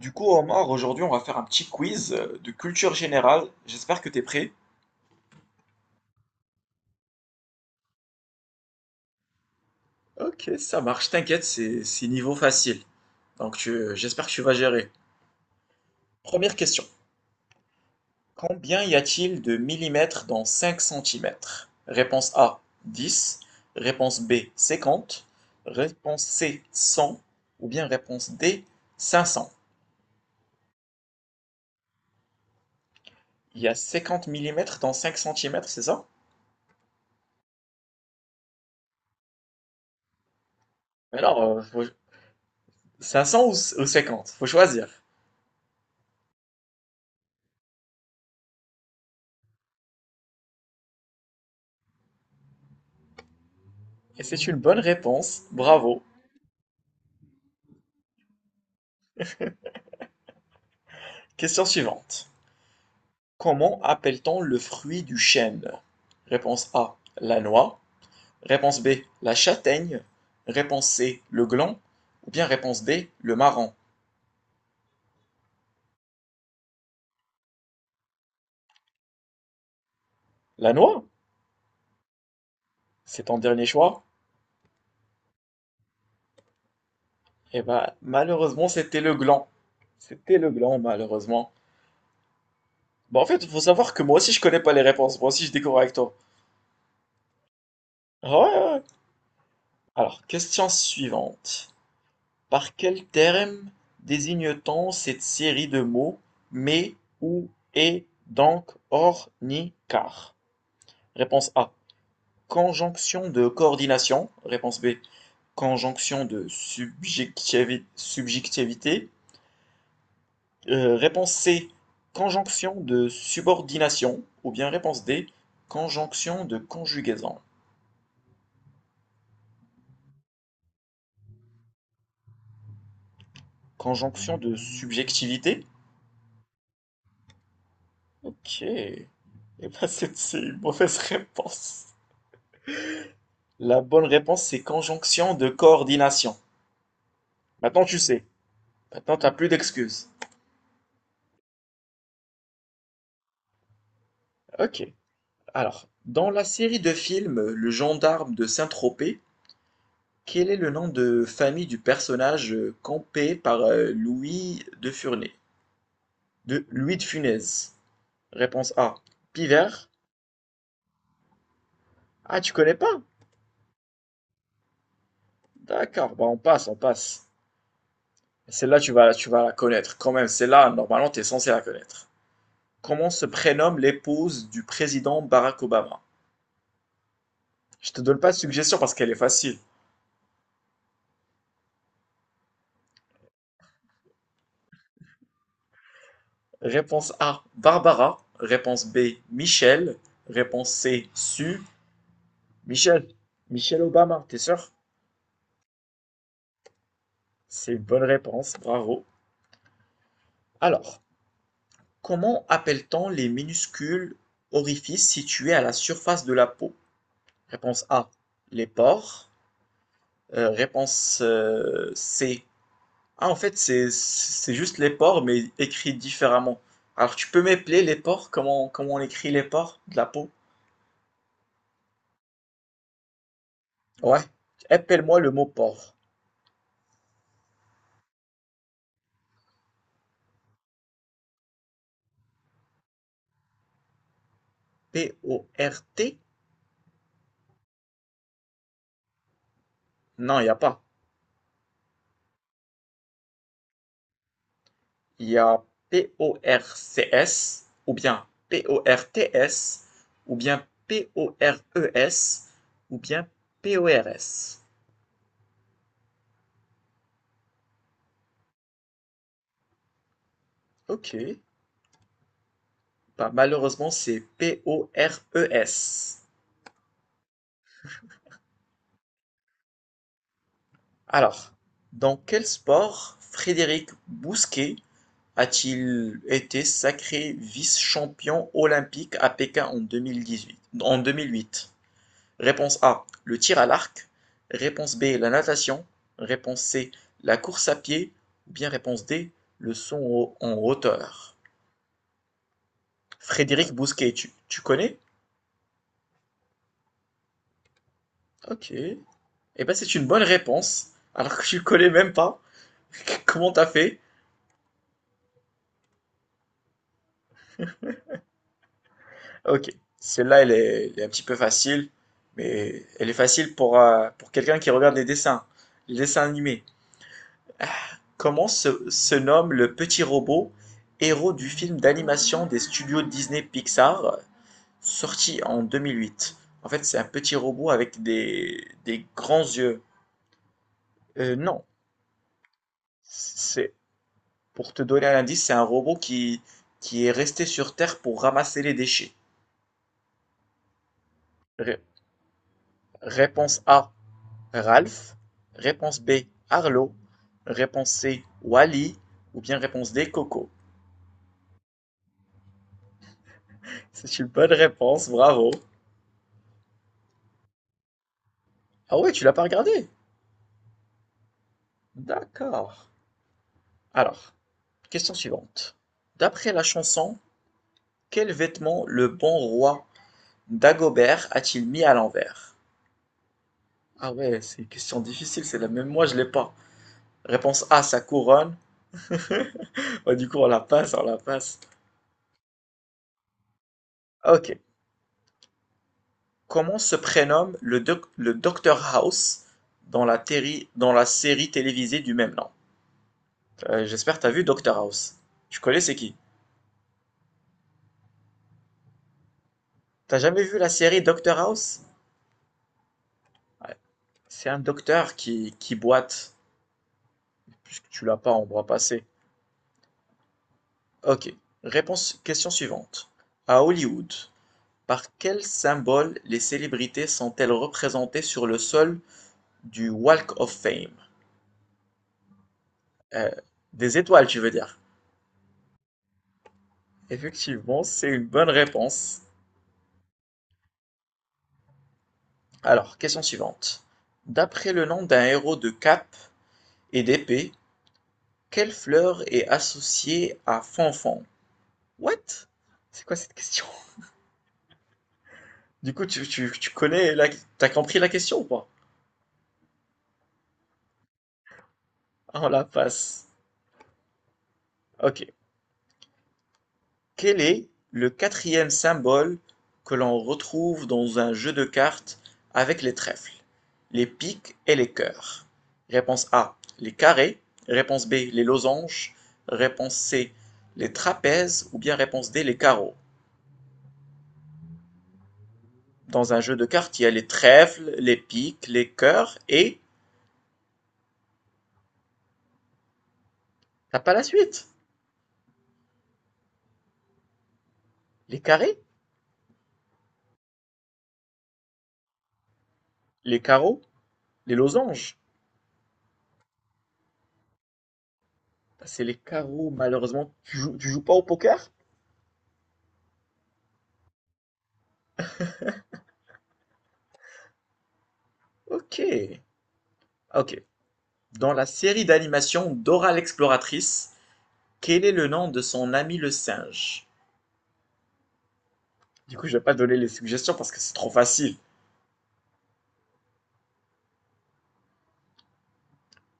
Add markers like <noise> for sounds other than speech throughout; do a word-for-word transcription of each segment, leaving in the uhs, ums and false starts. Du coup, Omar, aujourd'hui, on va faire un petit quiz euh, de culture générale. J'espère que tu es prêt. Ok, ça marche, t'inquiète, c'est c'est niveau facile. Donc tu- euh, j'espère que tu vas gérer. Première question. Combien y a-t-il de millimètres dans cinq centimètres? Réponse A, dix. Réponse B, cinquante. Réponse C, cent. Ou bien réponse D, cinq cents. Il y a cinquante millimètres dans cinq centimètres, c'est ça? Mais alors, euh, faut- cinq cents ou, ou cinquante? Faut choisir. Et c'est une bonne réponse, bravo. Question suivante. Comment appelle-t-on le fruit du chêne? Réponse A, la noix. Réponse B, la châtaigne. Réponse C, le gland. Ou bien réponse D, le marron. La noix? C'est ton dernier choix? Eh ben, malheureusement, c'était le gland. C'était le gland, malheureusement. Bon, en fait, il faut savoir que moi aussi, je connais pas les réponses. Moi aussi, je découvre avec toi. Ouais, ouais, ouais. Alors, question suivante. Par quel terme désigne-t-on cette série de mots: mais, ou, et, donc, or, ni, car? Réponse A, conjonction de coordination. Réponse B, Conjonction de subjectivi- subjectivité. Euh, réponse C, conjonction de subordination. Ou bien réponse D, conjonction de conjugaison. Conjonction de subjectivité. Ok. Et bien, c'est une mauvaise réponse. La bonne réponse, c'est conjonction de coordination. Maintenant, tu sais. Maintenant, t'as plus d'excuses. Ok. Alors, dans la série de films Le Gendarme de Saint-Tropez, quel est le nom de famille du personnage euh, campé par euh, Louis de Funès De Louis de Funès. Réponse A, Pivert. Ah, tu connais pas? D'accord. Bah, on passe, on passe. Celle-là, tu vas, tu vas la connaître quand même. Celle-là, normalement, t'es censé la connaître. Comment se prénomme l'épouse du président Barack Obama? Je te donne pas de suggestion parce qu'elle est facile. Réponse A, Barbara. Réponse B, Michel. Réponse C, Sue. Michel. Michel Obama, t'es sûr? C'est une bonne réponse, bravo. Alors, comment appelle-t-on les minuscules orifices situés à la surface de la peau? Réponse A, les pores. Euh, réponse euh, C. Ah, en fait, c'est c'est juste les pores, mais écrit différemment. Alors, tu peux m'épeler les pores? Comment, comment on écrit les pores de la peau? Ouais, appelle-moi le mot port. P-O-R-T? Non, il n'y a pas. Il y a P-O-R-C-S ou bien P-O-R-T-S ou bien P-O-R-E-S ou bien P-O-R-S. Ok, bah, malheureusement c'est P-O-R-E-S. Alors, dans quel sport Frédéric Bousquet a-t-il été sacré vice-champion olympique à Pékin en deux mille dix-huit en deux mille huit. Réponse A, le tir à l'arc. Réponse B, la natation. Réponse C, la course à pied. Ou bien réponse D, le son en hauteur. Frédéric Bousquet, tu, tu connais? Ok. Eh ben c'est une bonne réponse, alors que tu le connais même pas. <laughs> Comment t'as fait? Ok. Celle-là, elle est, elle est un petit peu facile, mais elle est facile pour, euh, pour quelqu'un qui regarde les dessins, les dessins animés. Comment se se nomme le petit robot, héros du film d'animation des studios Disney-Pixar, sorti en deux mille huit? En fait, c'est un petit robot avec des, des grands yeux. Euh, non, c'est pour te donner un indice, c'est un robot qui, qui est resté sur Terre pour ramasser les déchets. Ré- Réponse A, Ralph. Réponse B, Arlo. Réponse C, Wally. Ou bien réponse D, Coco. C'est une bonne réponse, bravo. Ah ouais, tu l'as pas regardé? D'accord. Alors, question suivante. D'après la chanson, quel vêtement le bon roi Dagobert a-t-il mis à l'envers? Ah ouais, c'est une question difficile, c'est la même, moi je l'ai pas. Réponse A, sa couronne. Bah, du coup, on la passe, on la passe. Ok. Comment se prénomme le, doc- le Dr House dans la, téri- dans la série télévisée du même nom? Euh, j'espère que t'as vu Dr House. Tu connais c'est qui? T'as jamais vu la série Dr House? Ouais. C'est un docteur qui, qui boite, puisque tu l'as pas en bras passé. Ok. Réponse, question suivante. À Hollywood, par quel symbole les célébrités sont-elles représentées sur le sol du Walk of Fame? Euh, des étoiles, tu veux dire? Effectivement, c'est une bonne réponse. Alors, question suivante. D'après le nom d'un héros de cape et d'épée, quelle fleur est associée à Fanfan? What? C'est quoi cette question? Du coup, tu, tu- tu connais la... T'as compris la question ou pas? On la passe. Ok. Quel est le quatrième symbole que l'on retrouve dans un jeu de cartes avec les trèfles, les piques et les cœurs? Réponse A, les carrés. Réponse B, les losanges. Réponse C, les trapèzes. Ou bien réponse D, les carreaux. Dans un jeu de cartes, il y a les trèfles, les piques, les cœurs et... T'as pas la suite? Les carrés, les carreaux, les losanges. Bah, c'est les carreaux, malheureusement. Tu joues, tu joues pas au poker? Ok. Ok, dans la série d'animation Dora l'exploratrice, quel est le nom de son ami le singe? Du coup, je vais pas donner les suggestions parce que c'est trop facile.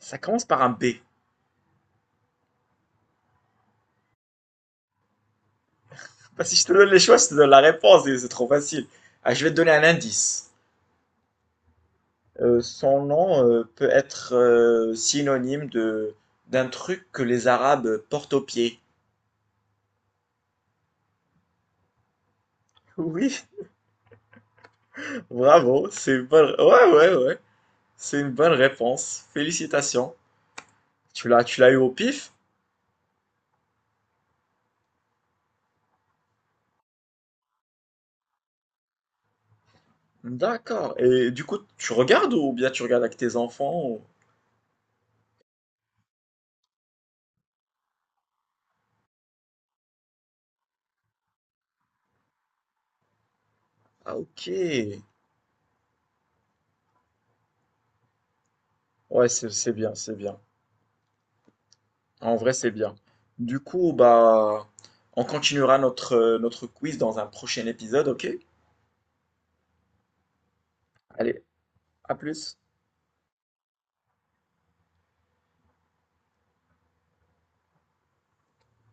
Ça commence par un B. Bah, si je te donne les choix, je te donne la réponse et c'est trop facile. Ah, je vais te donner un indice. Euh, son nom euh, peut être euh, synonyme de d'un truc que les Arabes portent aux pieds. Oui, <laughs> bravo, c'est une bonne... Ouais, ouais, ouais. C'est une bonne réponse. Félicitations. Tu l'as, tu l'as eu au pif. D'accord. Et du coup, tu regardes ou bien tu regardes avec tes enfants? Ou- ah ok. Ouais, c'est c'est bien, c'est bien. En vrai, c'est bien. Du coup, bah, on continuera notre, euh, notre quiz dans un prochain épisode, ok? Allez, à plus.